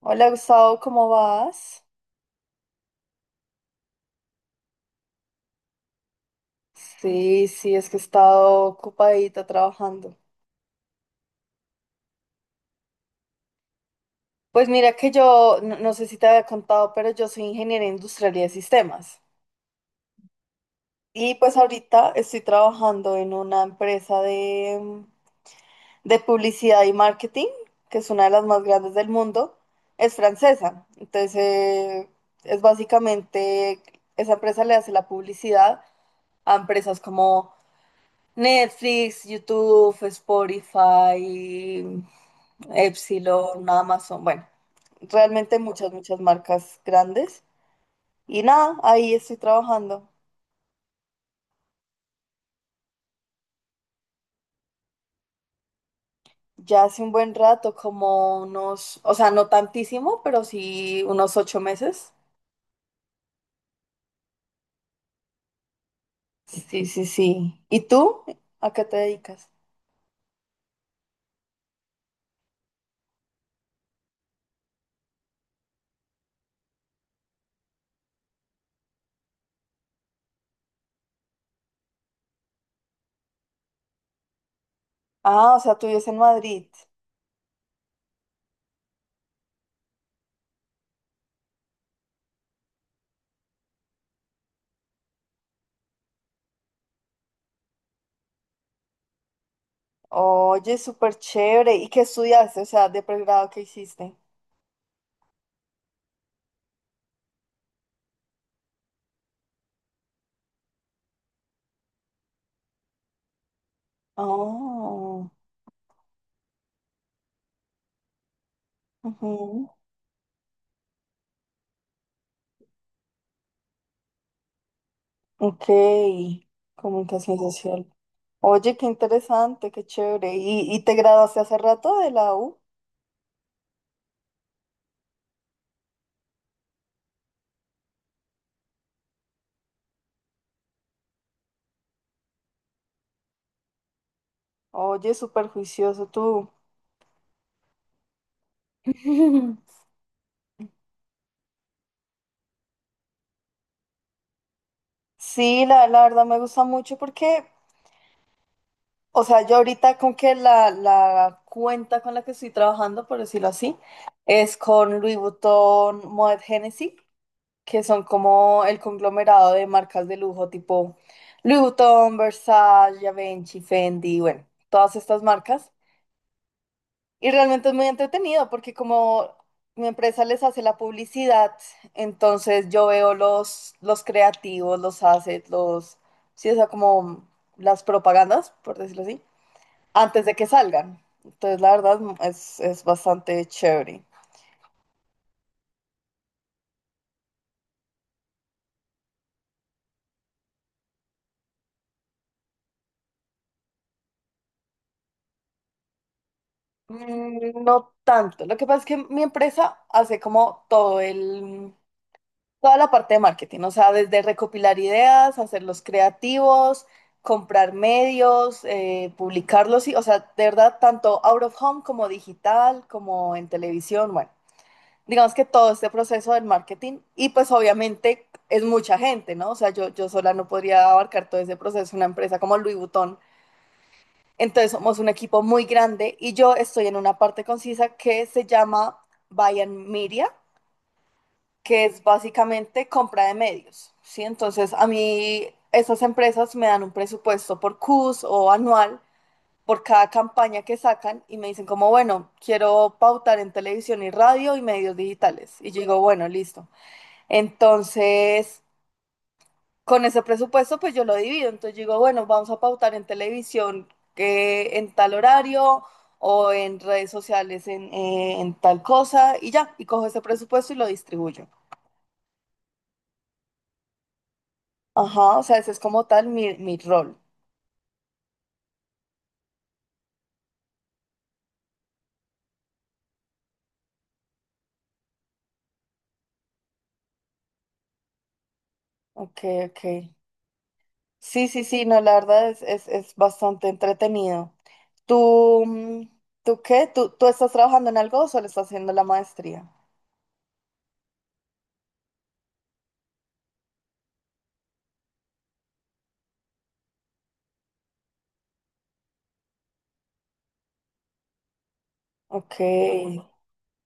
Hola Gustavo, ¿cómo vas? Sí, sí, es que he estado ocupadita trabajando. Pues mira que yo, no, no sé si te había contado, pero yo soy ingeniera industrial y de sistemas. Y pues ahorita estoy trabajando en una empresa de publicidad y marketing, que es una de las más grandes del mundo. Es francesa, entonces es básicamente, esa empresa le hace la publicidad a empresas como Netflix, YouTube, Spotify, Epsilon, Amazon, bueno, realmente muchas, muchas marcas grandes. Y nada, ahí estoy trabajando. Ya hace un buen rato, como unos, o sea, no tantísimo, pero sí unos 8 meses. Sí, sí, sí. ¿Y tú? ¿A qué te dedicas? Ah, o sea, tú vives en Madrid. Oye, súper chévere. ¿Y qué estudiaste? O sea, de pregrado, ¿qué hiciste? Oh, ujú. Ok, comunicación social. Oye, qué interesante, qué chévere. ¿Y te graduaste hace rato de la U? Oye, súper juicioso tú. Sí, la verdad me gusta mucho porque, o sea, yo ahorita con que la cuenta con la que estoy trabajando, por decirlo así, es con Louis Vuitton, Moët Hennessy, que son como el conglomerado de marcas de lujo tipo Louis Vuitton, Versace, Givenchy, Fendi, bueno, todas estas marcas. Y realmente es muy entretenido porque como mi empresa les hace la publicidad, entonces yo veo los creativos, los assets, sí, o sea, como las propagandas, por decirlo así, antes de que salgan. Entonces, la verdad es bastante chévere. No tanto. Lo que pasa es que mi empresa hace como toda la parte de marketing, o sea, desde recopilar ideas, hacerlos creativos, comprar medios, publicarlos, y, o sea, de verdad, tanto out of home como digital, como en televisión, bueno, digamos que todo este proceso del marketing y pues obviamente es mucha gente, ¿no? O sea, yo sola no podría abarcar todo ese proceso, una empresa como Louis Vuitton. Entonces somos un equipo muy grande y yo estoy en una parte concisa que se llama Buy and Media, que es básicamente compra de medios, ¿sí? Entonces, a mí esas empresas me dan un presupuesto por CUS o anual por cada campaña que sacan y me dicen como, bueno, quiero pautar en televisión y radio y medios digitales. Y yo digo, bueno, listo. Entonces, con ese presupuesto, pues yo lo divido. Entonces yo digo, bueno, vamos a pautar en televisión en tal horario o en redes sociales en tal cosa y ya, y cojo ese presupuesto y lo distribuyo. Ajá, o sea, ese es como tal mi rol. Ok, ok. Sí, sí, sí, no, la verdad es bastante entretenido. ¿Tú, mm, tú qué? ¿Tú estás trabajando en algo o solo estás haciendo la maestría? Ok,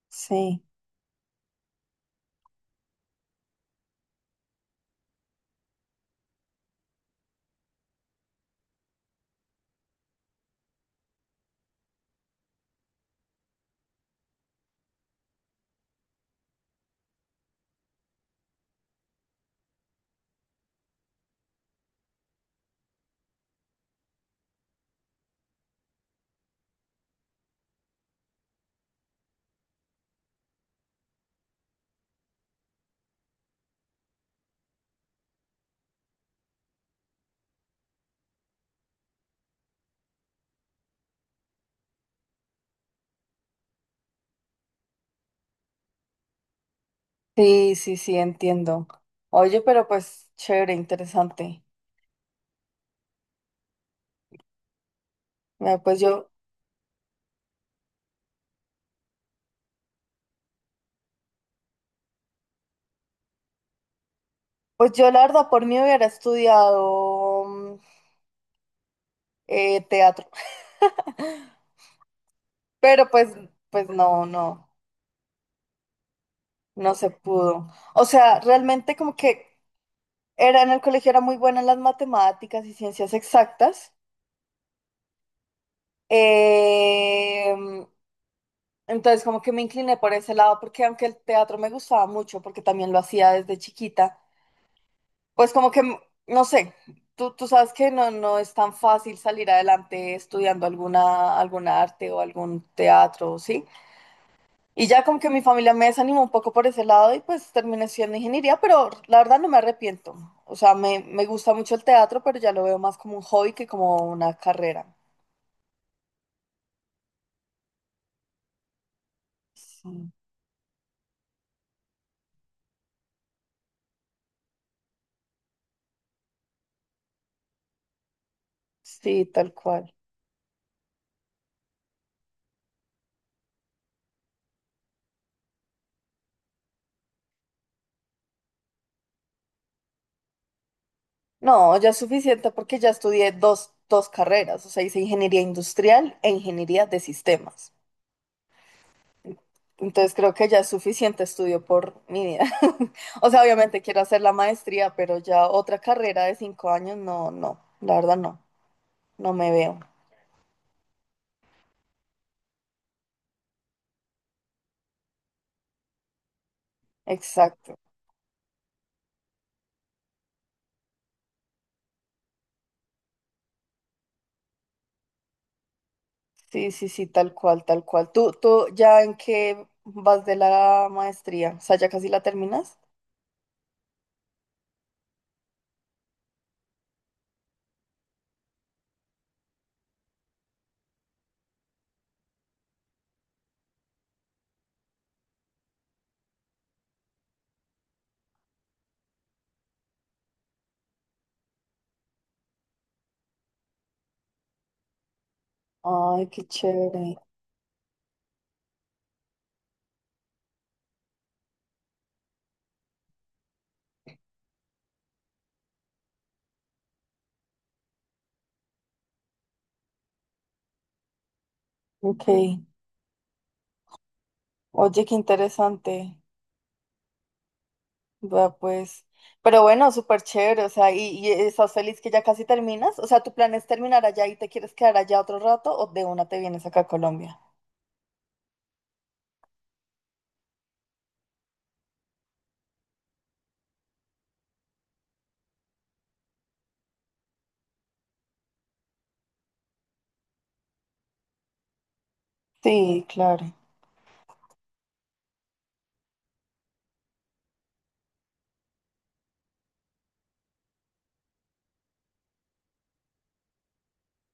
sí. Sí, sí, sí, entiendo. Oye, pero pues chévere, interesante. Mira, pues yo la verdad por mí hubiera estudiado teatro, pero pues no, no se pudo. O sea, realmente como que era en el colegio, era muy buena en las matemáticas y ciencias exactas. Em, entonces, como que me incliné por ese lado, porque aunque el teatro me gustaba mucho, porque también lo hacía desde chiquita, pues como que, no sé, tú sabes que no, no es tan fácil salir adelante estudiando alguna arte o algún teatro, ¿sí? Y ya como que mi familia me desanimó un poco por ese lado y pues terminé estudiando ingeniería, pero la verdad no me arrepiento. O sea, me gusta mucho el teatro, pero ya lo veo más como un hobby que como una carrera. Sí. Sí, tal cual. No, ya es suficiente porque ya estudié dos carreras, o sea, hice ingeniería industrial e ingeniería de sistemas. Entonces creo que ya es suficiente estudio por mi vida. O sea, obviamente quiero hacer la maestría, pero ya otra carrera de 5 años, no, no, la verdad no, no me veo. Exacto. Sí, sí, sí, tal cual, tal cual. ¿Tú ya en qué vas de la maestría? O sea, ¿ya casi la terminas? Ay, qué chévere. Ok. Oye, qué interesante. Va, pues. Pero bueno, súper chévere. O sea, ¿y estás feliz que ya casi terminas? O sea, ¿tu plan es terminar allá y te quieres quedar allá otro rato o de una te vienes acá a Colombia? Sí, claro,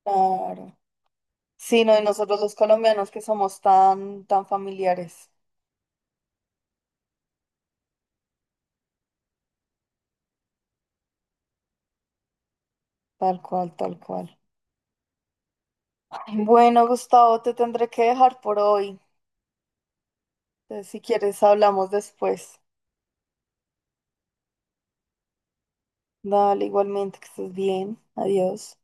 claro. Sí, no, y nosotros los colombianos que somos tan, tan familiares. Tal cual, tal cual. Bueno, Gustavo, te tendré que dejar por hoy. Entonces, si quieres, hablamos después. Dale, igualmente, que estés bien. Adiós.